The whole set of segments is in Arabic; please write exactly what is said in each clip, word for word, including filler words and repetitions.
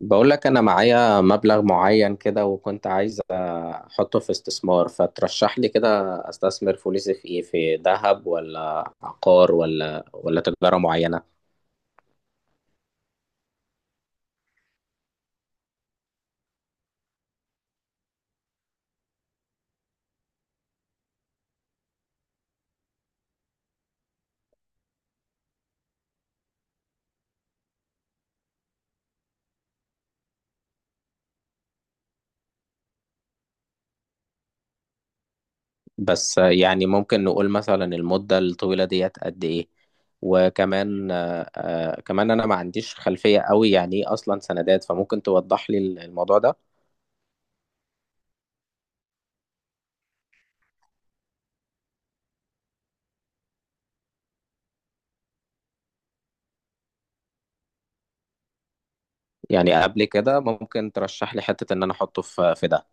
بقول لك انا معايا مبلغ معين كده، وكنت عايز احطه في استثمار، فترشح لي كده. استثمر فلوسي في ايه؟ في ذهب ولا عقار ولا ولا تجارة معينة؟ بس يعني ممكن نقول مثلا المدة الطويلة ديت قد ايه؟ وكمان آه، آه، كمان انا ما عنديش خلفية قوي، يعني ايه اصلا سندات؟ فممكن توضح لي الموضوع ده. يعني قبل كده ممكن ترشح لي حتة ان انا احطه في في ده؟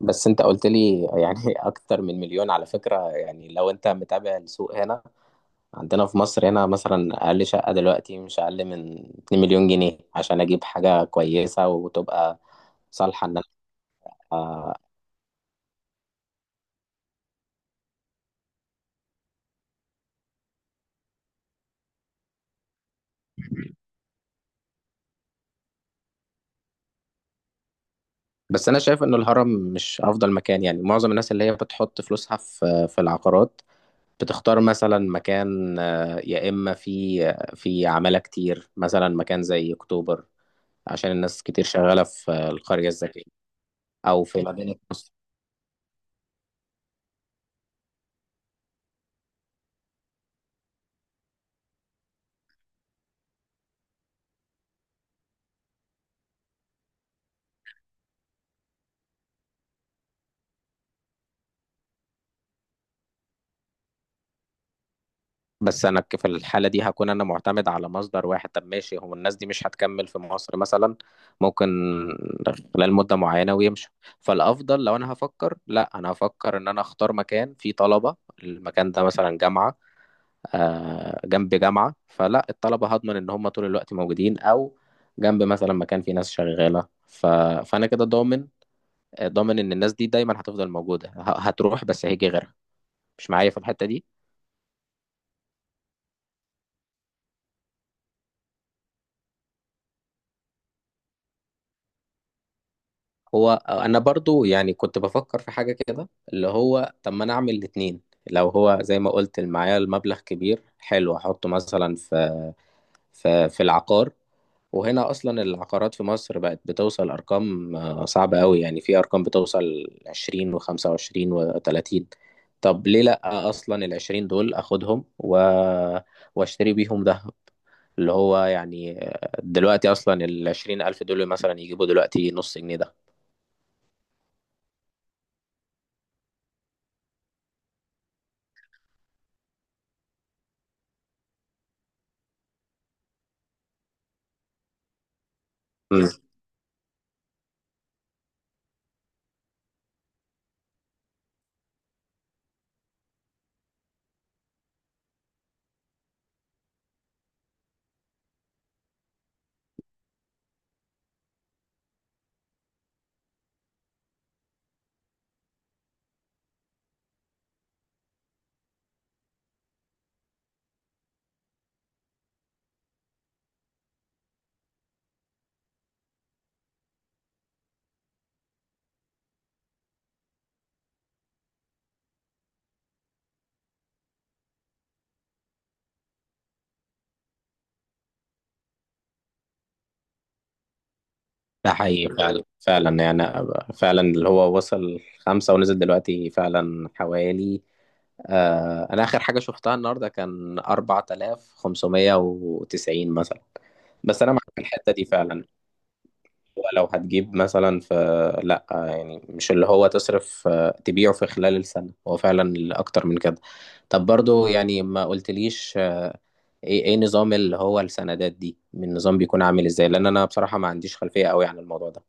بس انت قلت لي يعني اكتر من مليون، على فكرة يعني لو انت متابع السوق هنا، عندنا في مصر هنا مثلا اقل شقة دلوقتي مش اقل من اتنين مليون جنيه عشان اجيب حاجة كويسة وتبقى صالحة ان انا بس انا شايف ان الهرم مش افضل مكان، يعني معظم الناس اللي هي بتحط فلوسها في في العقارات، بتختار مثلا مكان، آه، يا اما في آه، في عمالة كتير، مثلا مكان زي اكتوبر، عشان الناس كتير شغالة في القرية الذكية، او في مدينة نصر. بس انا ك- في الحاله دي هكون انا معتمد على مصدر واحد. طب ماشي، هو الناس دي مش هتكمل في مصر مثلا، ممكن خلال مده معينه ويمشوا. فالافضل لو انا هفكر، لا انا هفكر ان انا اختار مكان فيه طلبه. المكان ده مثلا جامعه، آه جنب جامعه، فلا الطلبه هضمن ان هم طول الوقت موجودين، او جنب مثلا مكان فيه ناس شغاله ف... فانا كده ضامن، آه، ضامن ان الناس دي دايما هتفضل موجوده، ه- هتروح بس هيجي غيرها. مش معايا في الحته دي؟ هو انا برضو يعني كنت بفكر في حاجة كده، اللي هو طب ما انا اعمل الاتنين؟ لو هو زي ما قلت معايا المبلغ كبير، حلو احطه مثلا في في في العقار. وهنا اصلا العقارات في مصر بقت بتوصل ارقام آه، صعبة قوي، يعني في ارقام بتوصل عشرين و25 و30. طب ليه لا؟ اصلا العشرين دول اخدهم و... واشتري بيهم ذهب، اللي هو يعني آه، دلوقتي اصلا العشرين الف دول مثلا يجيبوا دلوقتي نص جنيه ده. ده حقيقي فعلا، فعلا يعني، أنا- فعلا اللي هو وصل خمسة ونزل دلوقتي فعلا حوالي، آه أنا آخر حاجة شفتها النهاردة كان اربعة الاف وخمسمية وتسعين مثلا. بس أنا معاك في الحتة دي فعلا. هو لو هتجيب مثلا في، لأ آه، يعني مش اللي هو تصرف آه، تبيعه في خلال السنة، هو فعلا أكتر من كده. طب برضو يعني ما قلتليش آه، إيه إيه نظام اللي هو السندات دي؟ من نظام بيكون عامل إزاي؟ لأن أنا بصراحة ما عنديش خلفية أوي عن الموضوع ده.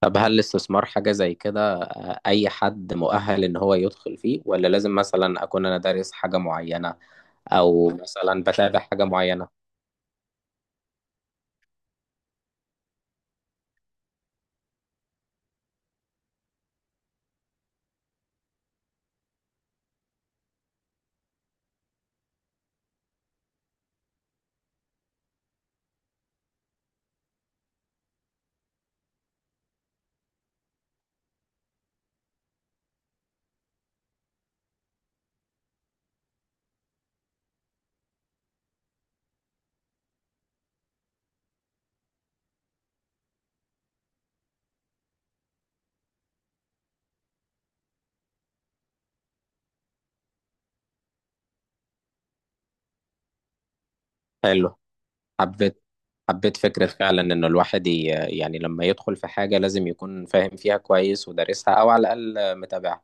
طب هل الاستثمار حاجة زي كده آه، أي حد مؤهل إن هو يدخل فيه، ولا لازم مثلا أكون أنا دارس حاجة معينة، أو مثلا بتابع حاجة معينة؟ حلو، حبيت، حبيت فكرة فعلا إن الواحد ي- يعني لما يدخل في حاجة لازم يكون فاهم فيها كويس ودارسها، أو على الأقل متابعها.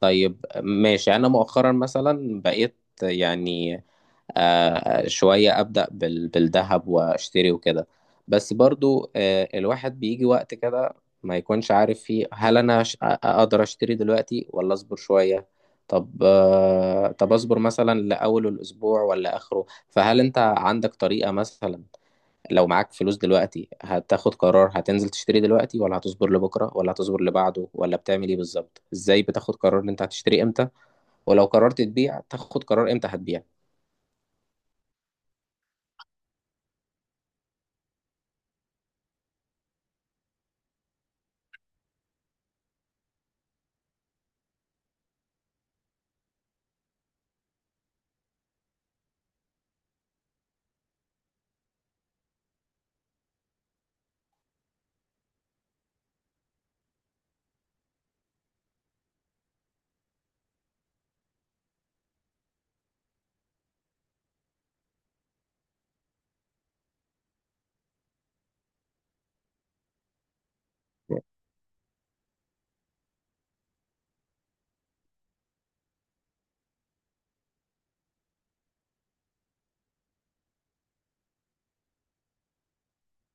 طيب ماشي، أنا مؤخرا مثلا بقيت يعني آه، شوية أبدأ بال- بالذهب وأشتري وكده. بس برضو آه، الواحد بيجي وقت كده ما يكونش عارف فيه، هل أنا ش- أ- أقدر أشتري دلوقتي ولا أصبر شوية؟ طب آه، طب أصبر مثلا لأول الأسبوع ولا آخره؟ فهل انت عندك طريقة مثلا لو معاك فلوس دلوقتي هتاخد قرار، هتنزل تشتري دلوقتي ولا هتصبر لبكرة ولا هتصبر لبعده ولا بتعمل ايه بالظبط؟ ازاي بتاخد قرار ان انت هتشتري امتى؟ ولو قررت تبيع تاخد قرار امتى هتبيع؟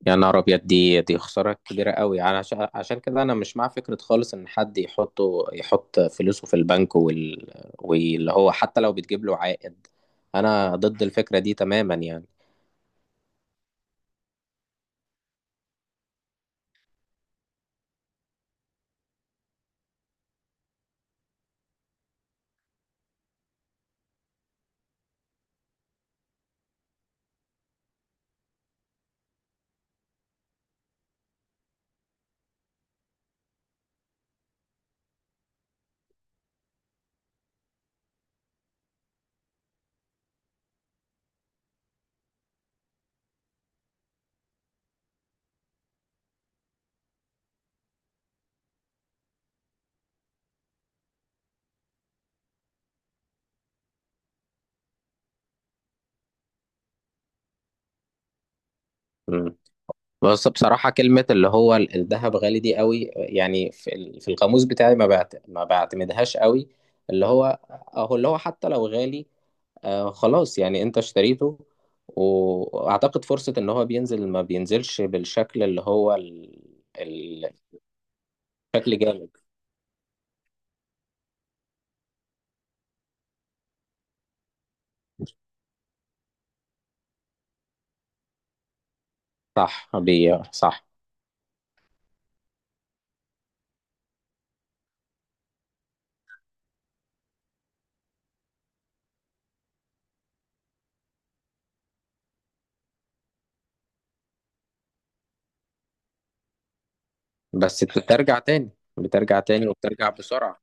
يا نهار ابيض، دي دي خسارة كبيرة قوي يعني. عشان عشان كده انا مش مع فكرة خالص ان حد يحطه، يحط فلوسه في البنك وال... واللي هو حتى لو بتجيب له عائد. انا ضد الفكرة دي تماما يعني. بس بصراحة كلمة اللي هو ال- الذهب غالي دي قوي يعني في ال- في القاموس بتاعي ما بعت، ما بعتمدهاش قوي، اللي هو اهو اللي هو حتى لو غالي، آه خلاص يعني انت اشتريته، و- واعتقد فرصة ان هو بينزل، ما بينزلش بالشكل اللي هو ال... ال- الشكل جامد. صح بي... صح، بس بترجع تاني، بترجع تاني وبترجع بسرعة.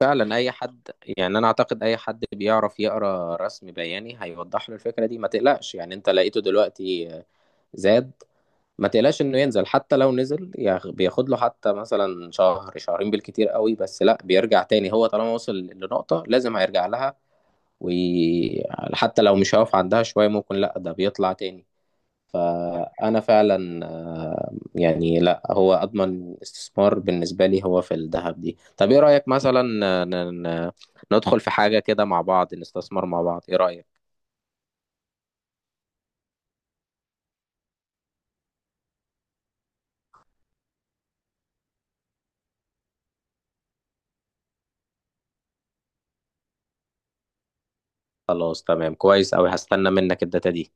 فعلا اي حد، يعني انا اعتقد اي حد بيعرف يقرا رسم بياني هيوضح له الفكره دي. ما تقلقش يعني انت لقيته دلوقتي زاد، ما تقلقش انه ينزل، حتى لو نزل ياخ- بياخد له حتى مثلا شهر شهرين بالكتير قوي، بس لا بيرجع تاني، هو طالما وصل لنقطه لازم هيرجع لها، وحتى لو مش هيقف عندها شويه ممكن لا ده بيطلع تاني. فأنا فعلا آه، يعني لا هو أضمن استثمار بالنسبة لي هو في الذهب دي. طب إيه رأيك مثلا آه، ن- ن- ندخل في حاجة كده مع بعض، نستثمر مع بعض، إيه رأيك؟ خلاص، تمام، كويس أوي، هستنى منك الداتا دي.